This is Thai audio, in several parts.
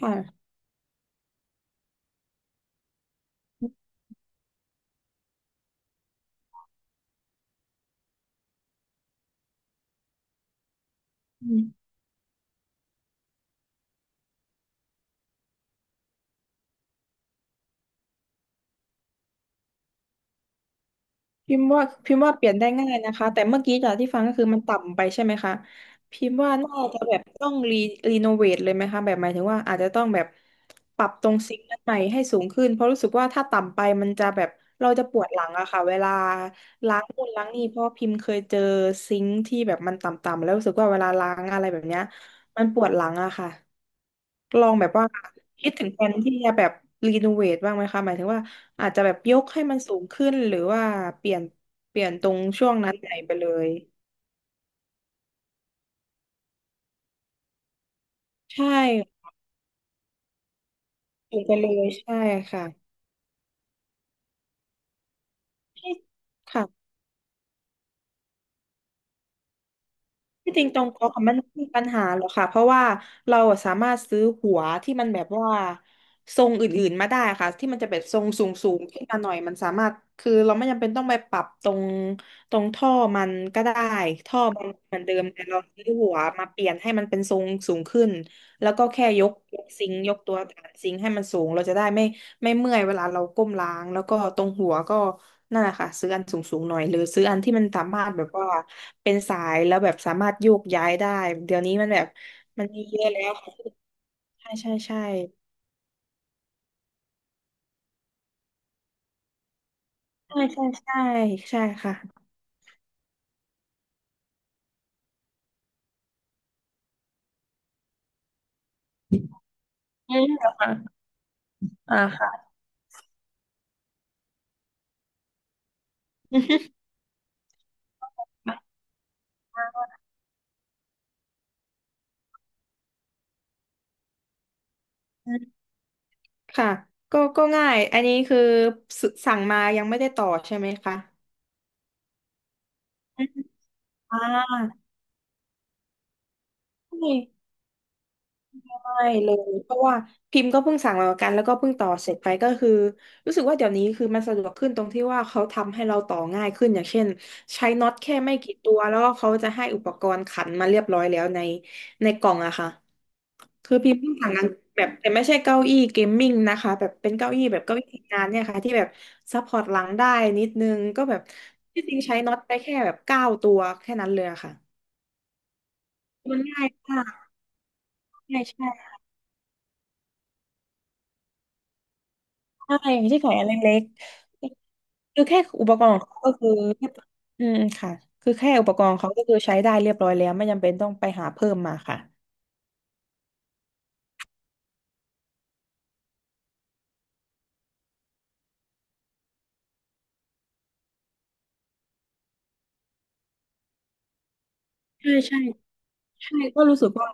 ค่ะอืมพิมพ์ว่าพิมพ์ว่าเปลี่ยนได้ง่ายนะคะแต่เมื่อกี้จากที่ฟังก็คือมันต่ำไปใช่ไหมคะพิมพ์ว่าน่าจะแบบต้องรีโนเวทเลยไหมคะแบบหมายถึงว่าอาจจะต้องแบบปรับตรงซิงค์นั้นใหม่ให้สูงขึ้นเพราะรู้สึกว่าถ้าต่ำไปมันจะแบบเราจะปวดหลังอะค่ะเวลาล้างนู่นล้างนี่เพราะพิมพ์เคยเจอซิงค์ที่แบบมันต่ำๆแล้วรู้สึกว่าเวลาล้างอะไรแบบเนี้ยมันปวดหลังอะค่ะลองแบบว่าคิดถึงแผนที่จะแบบรีโนเวทบ้างไหมคะหมายถึงว่า อาจจะแบบยกให้มันสูงขึ้นหรือว่าเปลี่ยนเปลี่ยนตรงช่วงนั้นไหนไปเลยใช่สูงไปเลยใช่ค่ะค่ะ ที่จริงตรงก๊อกอะมันไม่มีปัญหาหรอกค่ะเพราะว่าเราอะสามารถซื้อหัวที่มันแบบว่าทรงอื่นๆมาได้ค่ะที่มันจะแบบทรงสูงๆขึ้นมาหน่อยมันสามารถคือเราไม่จำเป็นต้องไปปรับตรงท่อมันก็ได้ท่อมันเหมือนเดิมแต่เราซื้อหัวมาเปลี่ยนให้มันเป็นทรงสูงขึ้นแล้วก็แค่ยกซิงค์ยกตัวฐานซิงค์ให้มันสูงเราจะได้ไม่ ไม่เมื่อยเวลาเราก้มล้างแล้วก็ตรงหัวก็นั่นแหละค่ะซื้ออันสูงๆหน่อยหรือซื้ออันที่มันสามารถแบบว่าเป็นสายแล้วแบบสามารถโยกย้ายได้เดี๋ยวนี้มันแบบมันมีเยอะแล้วค่ะใช่ใช่ใช่ใช่ใช่ใช่ใช่ค่ะอืมค่ะก็ง่ายอันนี้คือสสั่งมายังไม่ได้ต่อใช่ไหมคะอืมอ่าใช่ ใช่เลยเพราะว่าพิมพ์ก็เพิ่งสั่งมาเหมือนกันแล้วก็เพิ่งต่อเสร็จไปก็คือรู้สึกว่าเดี๋ยวนี้คือมันสะดวกขึ้นตรงที่ว่าเขาทำให้เราต่อง่ายขึ้นอย่างเช่นใช้น็อตแค่ไม่กี่ตัวแล้วก็เขาจะให้อุปกรณ์ขันมาเรียบร้อยแล้วในกล่องอะค่ะคือพิมพ์เพิ่งสั่งงานแบบแต่ไม่ใช่เก้าอี้เกมมิ่งนะคะแบบเป็นเก้าอี้แบบเก้าอี้ทำงานเนี่ยค่ะที่แบบซัพพอร์ตหลังได้นิดนึงก็แบบที่จริงใช้น็อตไปแค่แบบเก้าตัวแค่นั้นเลยอะค่ะมันง่ายมากใช่ใช่ ใช่ไม่ใช่ขายอันเล็กๆคือแค่อุปกรณ์ของเขาก็คืออืมค่ะคือแค่อุปกรณ์เขาก็คือใช้ได้เรียบร้อยแล้วไม่จำเป็นต้องไปหาเพิ่มมาค่ะใช่ใช่ใช่ก็รู้สึกว่า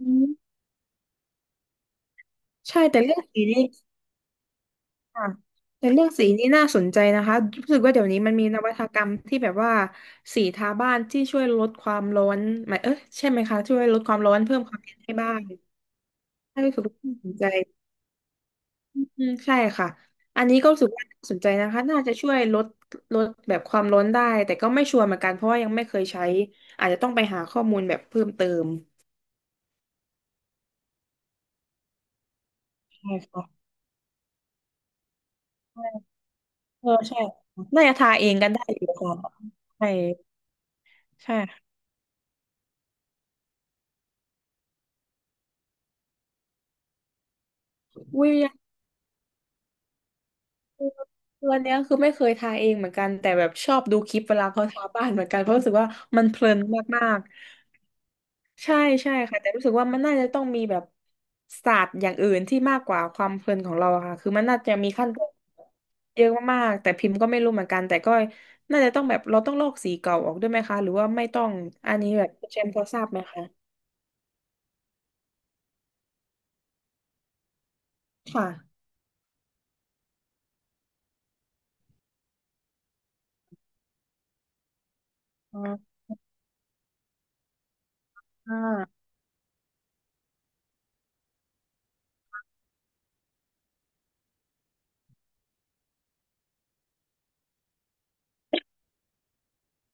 อืมใช่แต่เรื่องสีนี่ค่ะแต่เรื่องสีนี่น่าสนใจนะคะรู้สึกว่าเดี๋ยวนี้มันมีนวัตกรรมที่แบบว่าสีทาบ้านที่ช่วยลดความร้อนหมายใช่ไหมคะช่วยลดความร้อนเพิ่มความเย็นให้บ้านน่ารู้สึกว่าน่าสนใจ อืมใช่ค่ะ อันนี้ก็รู้สึกว่าน่าสนใจนะคะน่าจะช่วยลดแบบความร้อนได้แต่ก็ไม่ชัวร์เหมือนกันเพราะว่ายังไม่เคยใช้อาจจะต้องไปหาข้อมูลแบบเพิ่มเติมใช่ค่ะเออใช่น่าจะทาเองกันได้อยู่ค่ะใช่ใช่วิวยงตัวเนี้ยคือไม่เคยทาเองเหมือนกันแต่แบบชอบดูคลิปเวลาเขาทาบ้านเหมือนกันเพราะรู้สึกว่ามันเพลินมาก ใช่ใช่ค่ะแต่รู้สึกว่ามันน่าจะต้องมีแบบศาสตร์อย่างอื่นที่มากกว่าความเพลินของเราอะค่ะคือมันน่าจะมีขั้นตอนเยอะมากๆแต่พิมพ์ก็ไม่รู้เหมือนกันแต่ก็น่าจะต้องแบบเราต้องลอกสีเก่าออกด้วยไหมคะหรือว่าไม่ต้องอันนี้แบบคุณเชมป์พอทราบไหมคะค่ะอ๋ออ่า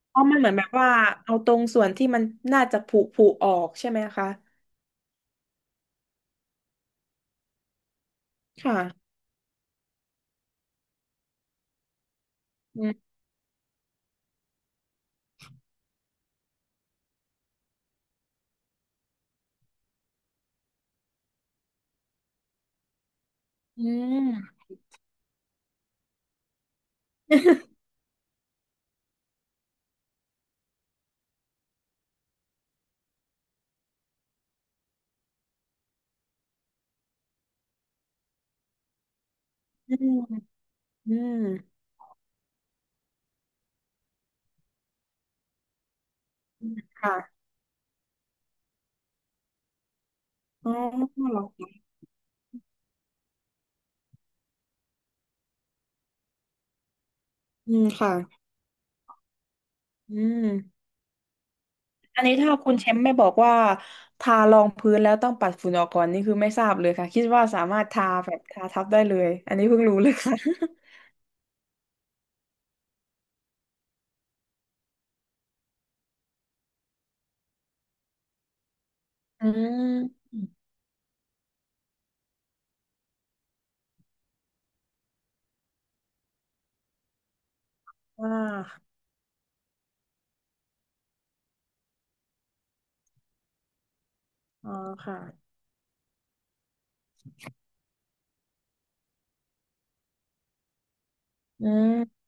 เพราะมันเหมือนแบบว่าเอาตรงส่วนที่มันน่าจะผุออกใช่ไหมคะค่ะอืม อืมอืมอืมค่ะอ๋อเหรอคะอืมค่ะอืม อันนี้ถ้าคุณแชมป์ไม่บอกว่าทารองพื้นแล้วต้องปัดฝุ่นออกก่อนนี่คือไม่ทราบเลยค่ะคิดว่าสามารถทาทับได้เลยอันนี้เพิ่งรู้เลยค่ะ อืมว่าอ๋อค่ะอืม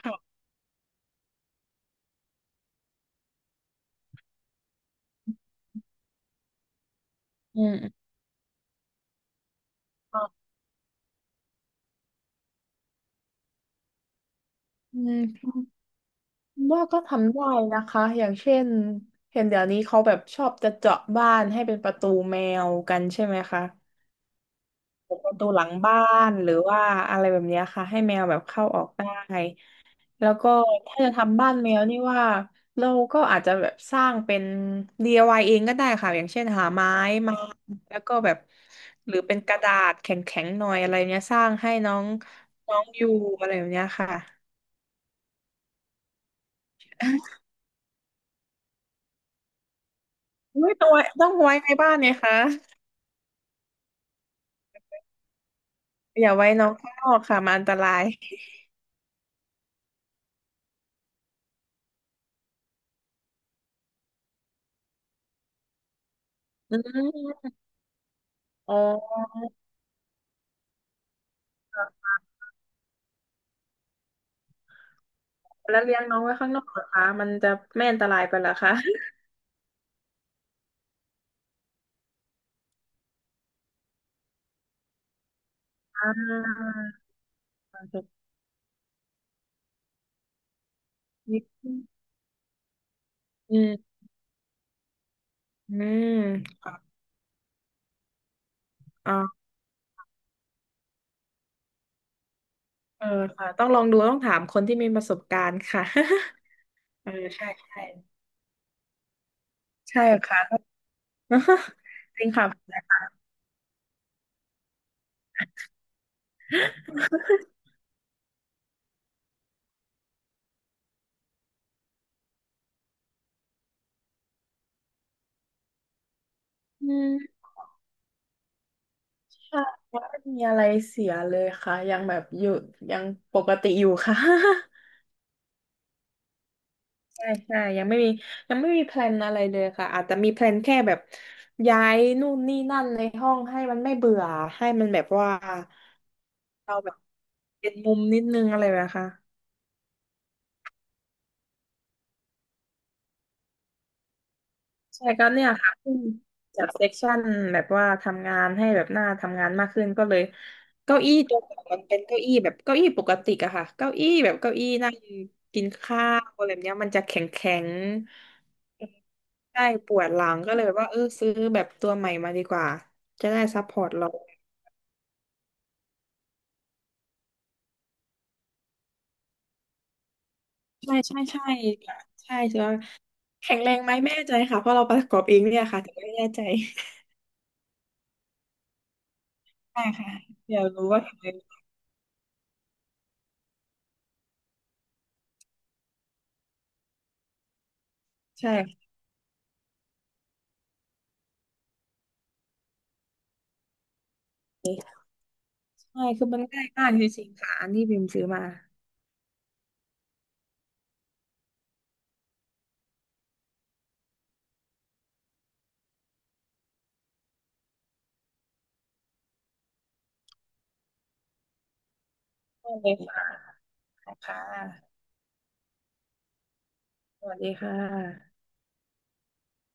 ค่ะอืมอมอืมว่าก็ทำได้นะคะอย่างเช่นเห็นเดี๋ยวนี้เขาแบบชอบจะเจาะบ้านให้เป็นประตูแมวกันใช่ไหมคะ ประตูหลังบ้านหรือว่าอะไรแบบเนี้ยค่ะให้แมวแบบเข้าออกได้แล้วก็ถ้าจะทำบ้านแมวนี่ว่าเราก็อาจจะแบบสร้างเป็น DIY เองก็ได้ค่ะอย่างเช่นหาไม้มาแล้วก็แบบหรือเป็นกระดาษแข็งๆหน่อยอะไรเนี้ยสร้างให้น้องน้องอยู่อะไรแบบเนี้ยค่ะอุ๊ยต้องไว้ในบ้านเนี่ยค่ะอย่าไว้น้องข้างนอกค่ะมันอันตรายอืมอ๋อแล้วเลี้ยงน้องไว้ข้างนอกเหรอคะมันจะไม่อันตรายไปเหรอคะ อ่าจะคิดอืมอืมอ่าอ่าเออค่ะต้องลองดูต้องถามคนที่มีประสบการณ์ค่ะ เออใช่ใช่ใช่ค่ะ จริงค่ะอืมค่ะว่ามีอะไรเสียเลยค่ะยังแบบอยู่ยังปกติอยู่ค่ะ ใช่ใช่ยังไม่มียังไม่มีแพลนอะไรเลยค่ะอาจจะมีแพลนแค่แบบย้ายนู่นนี่นั่นในห้องให้มันไม่เบื่อให้มันแบบว่าเราแบบเป็นมุมนิดนึงอะไรแบบนี้ค่ะ ใช่ก็เนี่ยค่ะขึ้นจากเซ็กชันแบบว่าทำงานให้แบบหน้าทำงานมากขึ้นก็เลยเก้าอี้ตัวก่อนมันเป็นเก้าอี้แบบเก้าอี้ปกติอะค่ะเก้าอี้แบบเก้าอี้นั่งกินข้าวอะไรแบบเนี้ยมันจะแข็งแข็งใช่ปวดหลังก็เลยแบบว่าเออซื้อแบบตัวใหม่มาดีกว่าจะได้ซัพพอร์ตเราใช่ใช่ใช่ค่ะใช่ใช่แข็งแรงไหมไม่แน่ใจค่ะเพราะเราประกอบเองเนี่ยค่ะถึงไม่แน่ใจใช่ค่ะเดี๋ยวรู้ว่าแข็งแรงใช่ ใช่คือมันง่ายมากจริงๆค่ะอันที่พิมพ์ซื้อมาได้เลยค่ะค่ะ สวัสดีค่ะ